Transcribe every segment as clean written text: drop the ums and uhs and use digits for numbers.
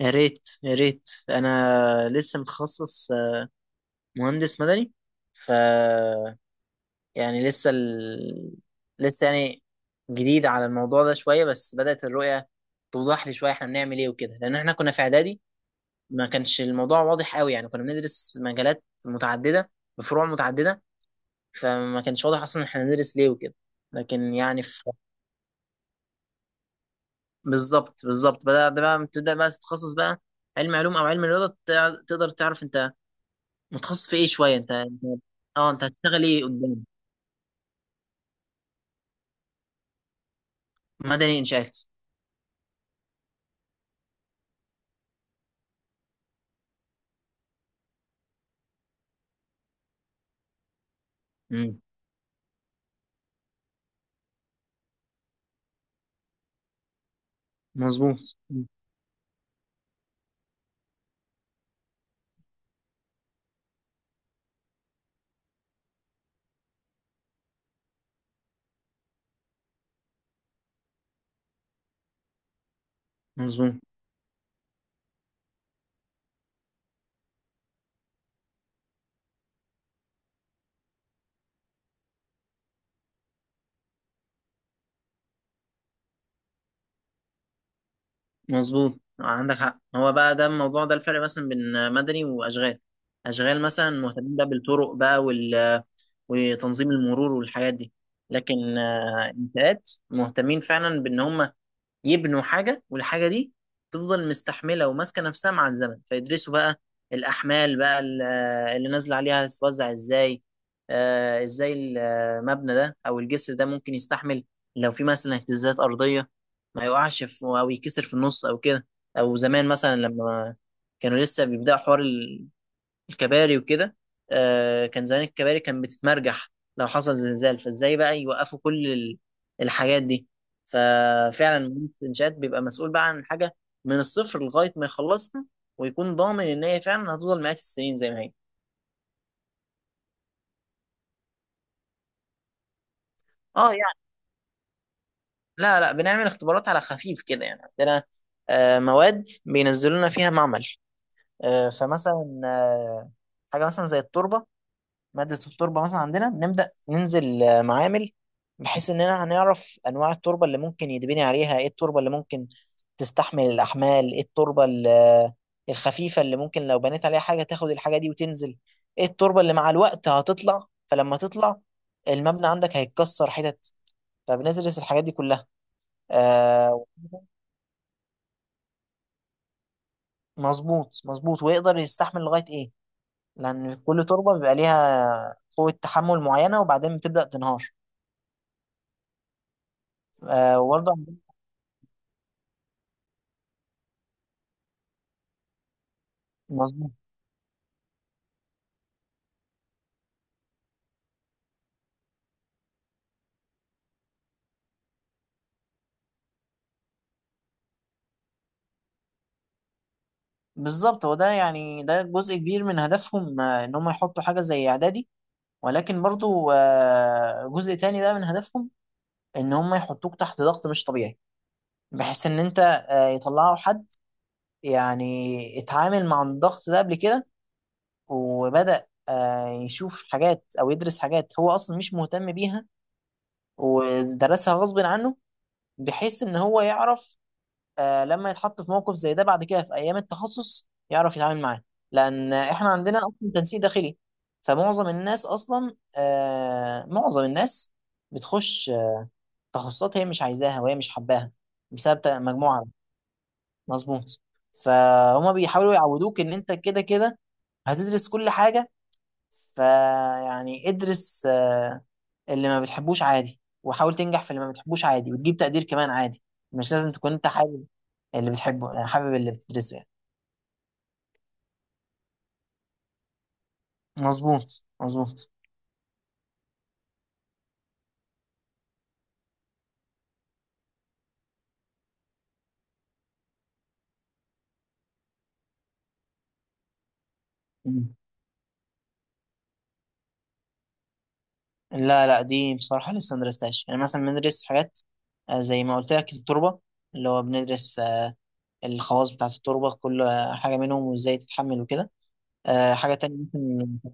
يا ريت، يا ريت انا لسه متخصص، مهندس مدني. ف يعني لسه ال... لسه يعني جديد على الموضوع ده شويه، بس بدأت الرؤيه توضح لي شويه احنا بنعمل ايه وكده، لان احنا كنا في اعدادي ما كانش الموضوع واضح قوي. يعني كنا بندرس مجالات متعدده بفروع متعدده، فما كانش واضح اصلا احنا بندرس ليه وكده، لكن يعني في... بالظبط. بدأت بقى تبدأ بقى تتخصص بقى، علم علوم او علم رياضه، تقدر تعرف انت متخصص في ايه شويه. اه، انت هتشتغل ايه قدام. مدني انشاءات. امم، مظبوط. مم. مظبوط مظبوط، عندك حق. هو بقى ده الموضوع، ده الفرق مثلا بين مدني واشغال. اشغال مثلا مهتمين بقى بالطرق بقى وتنظيم المرور والحاجات دي، لكن انشاءات مهتمين فعلا بان هم يبنوا حاجة، والحاجة دي تفضل مستحملة وماسكة نفسها مع الزمن. فيدرسوا بقى الأحمال بقى، اللي نازلة عليها هتتوزع ازاي، آه ازاي المبنى ده أو الجسر ده ممكن يستحمل لو في مثلا اهتزازات أرضية، ما يقعش في أو يكسر في النص أو كده. أو زمان مثلا لما كانوا لسه بيبدأوا حوار الكباري وكده، كان زمان الكباري كان بتتمرجح لو حصل زلزال، فازاي بقى يوقفوا كل الحاجات دي. ففعلا مدير الانشاءات بيبقى مسؤول بقى عن حاجه من الصفر لغايه ما يخلصها، ويكون ضامن ان هي فعلا هتفضل مئات السنين زي ما هي. اه يعني، لا لا، بنعمل اختبارات على خفيف كده. يعني عندنا مواد بينزلوا لنا فيها معمل. فمثلا حاجه مثلا زي التربه. مادة التربة مثلا عندنا بنبدأ ننزل معامل، بحيث إننا هنعرف أنواع التربة اللي ممكن يتبني عليها، إيه التربة اللي ممكن تستحمل الأحمال، إيه التربة الخفيفة اللي ممكن لو بنيت عليها حاجة تاخد الحاجة دي وتنزل، إيه التربة اللي مع الوقت هتطلع، فلما تطلع المبنى عندك هيتكسر حتت. فبندرس الحاجات دي كلها. آه، مظبوط ويقدر يستحمل لغاية إيه، لأن كل تربة بيبقى ليها قوة تحمل معينة وبعدين بتبدأ تنهار. آه، وبرضه مظبوط. بالظبط، هو ده يعني ده جزء كبير من هدفهم، ان هم يحطوا حاجه زي اعدادي، ولكن برضو جزء تاني بقى من هدفهم ان هم يحطوك تحت ضغط مش طبيعي، بحيث ان انت، يطلعوا حد يعني اتعامل مع الضغط ده قبل كده وبدأ يشوف حاجات او يدرس حاجات هو اصلا مش مهتم بيها، ودرسها غصب عنه، بحيث ان هو يعرف لما يتحط في موقف زي ده بعد كده في ايام التخصص يعرف يتعامل معاه. لان احنا عندنا اصلا تنسيق داخلي، فمعظم الناس اصلا آه، معظم الناس بتخش تخصصات هي مش عايزاها وهي مش حباها بسبب مجموعة. مظبوط. فهما بيحاولوا يعودوك ان انت كده كده هتدرس كل حاجة. فيعني ادرس اللي ما بتحبوش عادي، وحاول تنجح في اللي ما بتحبوش عادي، وتجيب تقدير كمان عادي. مش لازم تكون انت حابب اللي بتحبه، يعني حابب اللي بتدرسه يعني. مظبوط. مم. لا لا، دي بصراحة لسه مدرستهاش. يعني مثلا بندرس حاجات زي ما قلت لك التربة، اللي هو بندرس الخواص بتاعة التربة، كل حاجة منهم وازاي تتحمل وكده. آه، حاجة تانية ممكن.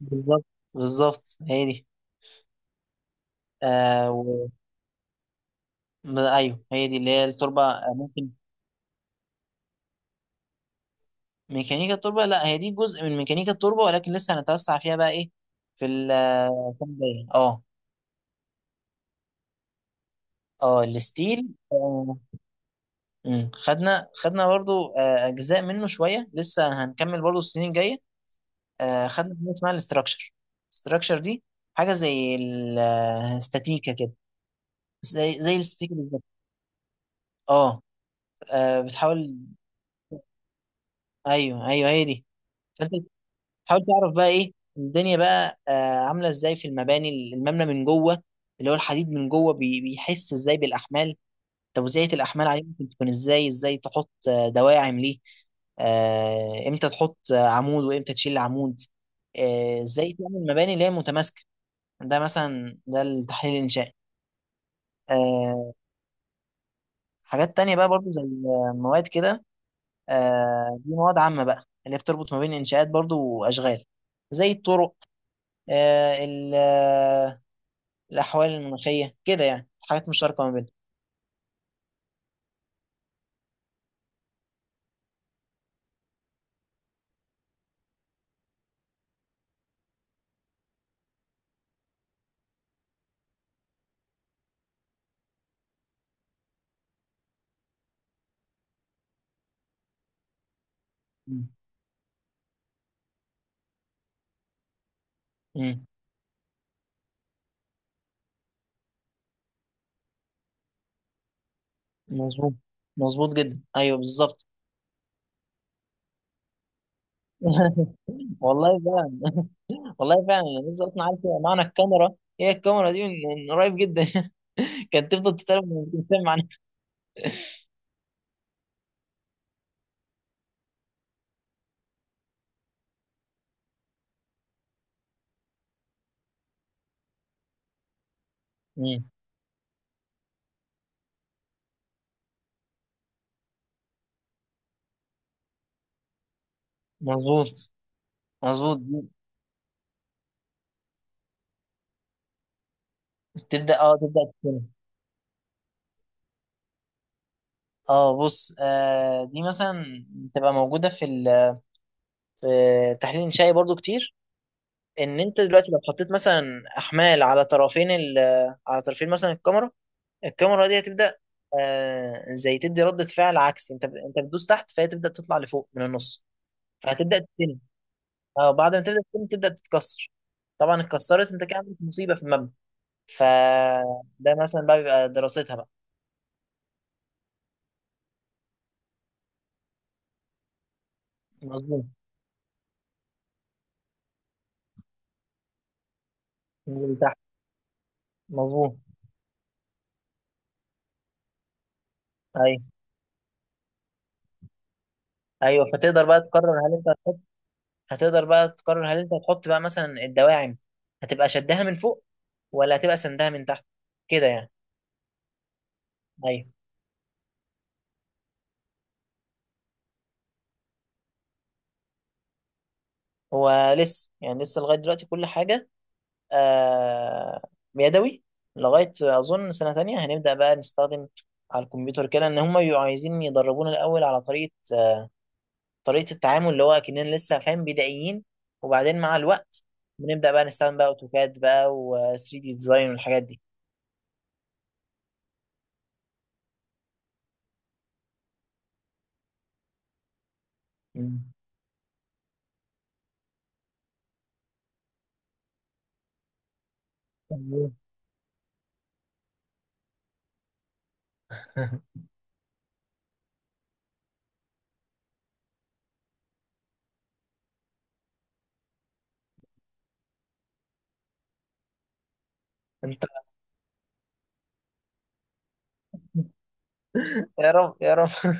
بالظبط، بالظبط هي دي. آه، و... ايوه هي دي اللي هي التربة، آه، ممكن. ميكانيكا التربه، لا هي دي جزء من ميكانيكا التربه، ولكن لسه هنتوسع فيها بقى ايه. في السنه الجايه، اه. اه الستيل، مم. خدنا برضو اجزاء منه شويه، لسه هنكمل برضو السنين الجايه. خدنا حاجه اسمها الاستراكشر. الاستراكشر دي حاجه زي الاستاتيكا كده، زي الاستاتيكا بالظبط. اه، آه، بتحاول ايوه ايوه هي دي. فانت حاول تعرف بقى ايه الدنيا بقى آه عامله ازاي في المباني، المبنى من جوه اللي هو الحديد من جوه بيحس ازاي بالاحمال، توزيعه الاحمال عليه ممكن تكون ازاي، ازاي تحط دواعم ليه، امتى تحط عمود وامتى تشيل عمود، ازاي تعمل مباني اللي هي متماسكه. ده مثلا ده التحليل الانشائي. آه، حاجات تانية بقى برضو زي مواد كده. دي مواد عامة بقى، اللي هي بتربط ما بين الانشاءات برضو واشغال، زي الطرق، آه، ال- الأحوال المناخية كده، يعني حاجات مشتركة ما بيننا. مم. مم. مظبوط مظبوط جدا، أيوه بالظبط. والله فعلا، والله فعلا. أنا لسه أصلا عارف معنى الكاميرا، هي الكاميرا دي من من قريب جدا. كانت تفضل تتكلم وتتكلم معناها. مم. مظبوط مظبوط دي. تبدأ اه تبدأ تتكلم. اه بص، آه دي مثلا تبقى موجودة في تحليل إنشائي برضو كتير. إن أنت دلوقتي لو حطيت مثلا أحمال على طرفين ال على طرفين مثلا الكاميرا، الكاميرا دي هتبدا، آه زي تدي ردة فعل عكسي. انت بتدوس تحت فهي تبدا تطلع لفوق من النص، فهتبدا تتني. اه، بعد ما تبدا تتني تبدا تتكسر، طبعا اتكسرت انت كده عملت مصيبه في المبنى. فده مثلا بقى بيبقى دراستها بقى. مظبوط. تنزل تحت. مظبوط. ايوه ايوه، فتقدر بقى تقرر هل انت هتحط هتقدر بقى تقرر هل انت هتحط بقى مثلا الدواعم، هتبقى شدها من فوق ولا هتبقى سندها من تحت كده يعني. ايوه. هو لسه يعني، لسه لغايه دلوقتي كل حاجه آه يدوي. لغاية أظن سنة تانية هنبدأ بقى نستخدم على الكمبيوتر كده. إن هما بيبقوا عايزين يدربونا الأول على طريقة التعامل، اللي هو كأننا لسه فاهم بدائيين، وبعدين مع الوقت بنبدأ بقى نستخدم بقى أوتوكاد بقى و 3 دي ديزاين والحاجات دي. مم. تمام. انت، يا رب يا رب.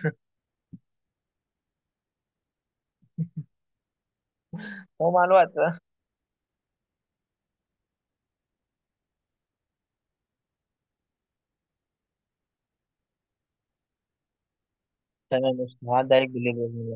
هو مع الوقت بقى. تمام، قشطة. هعدي عليك بالليل.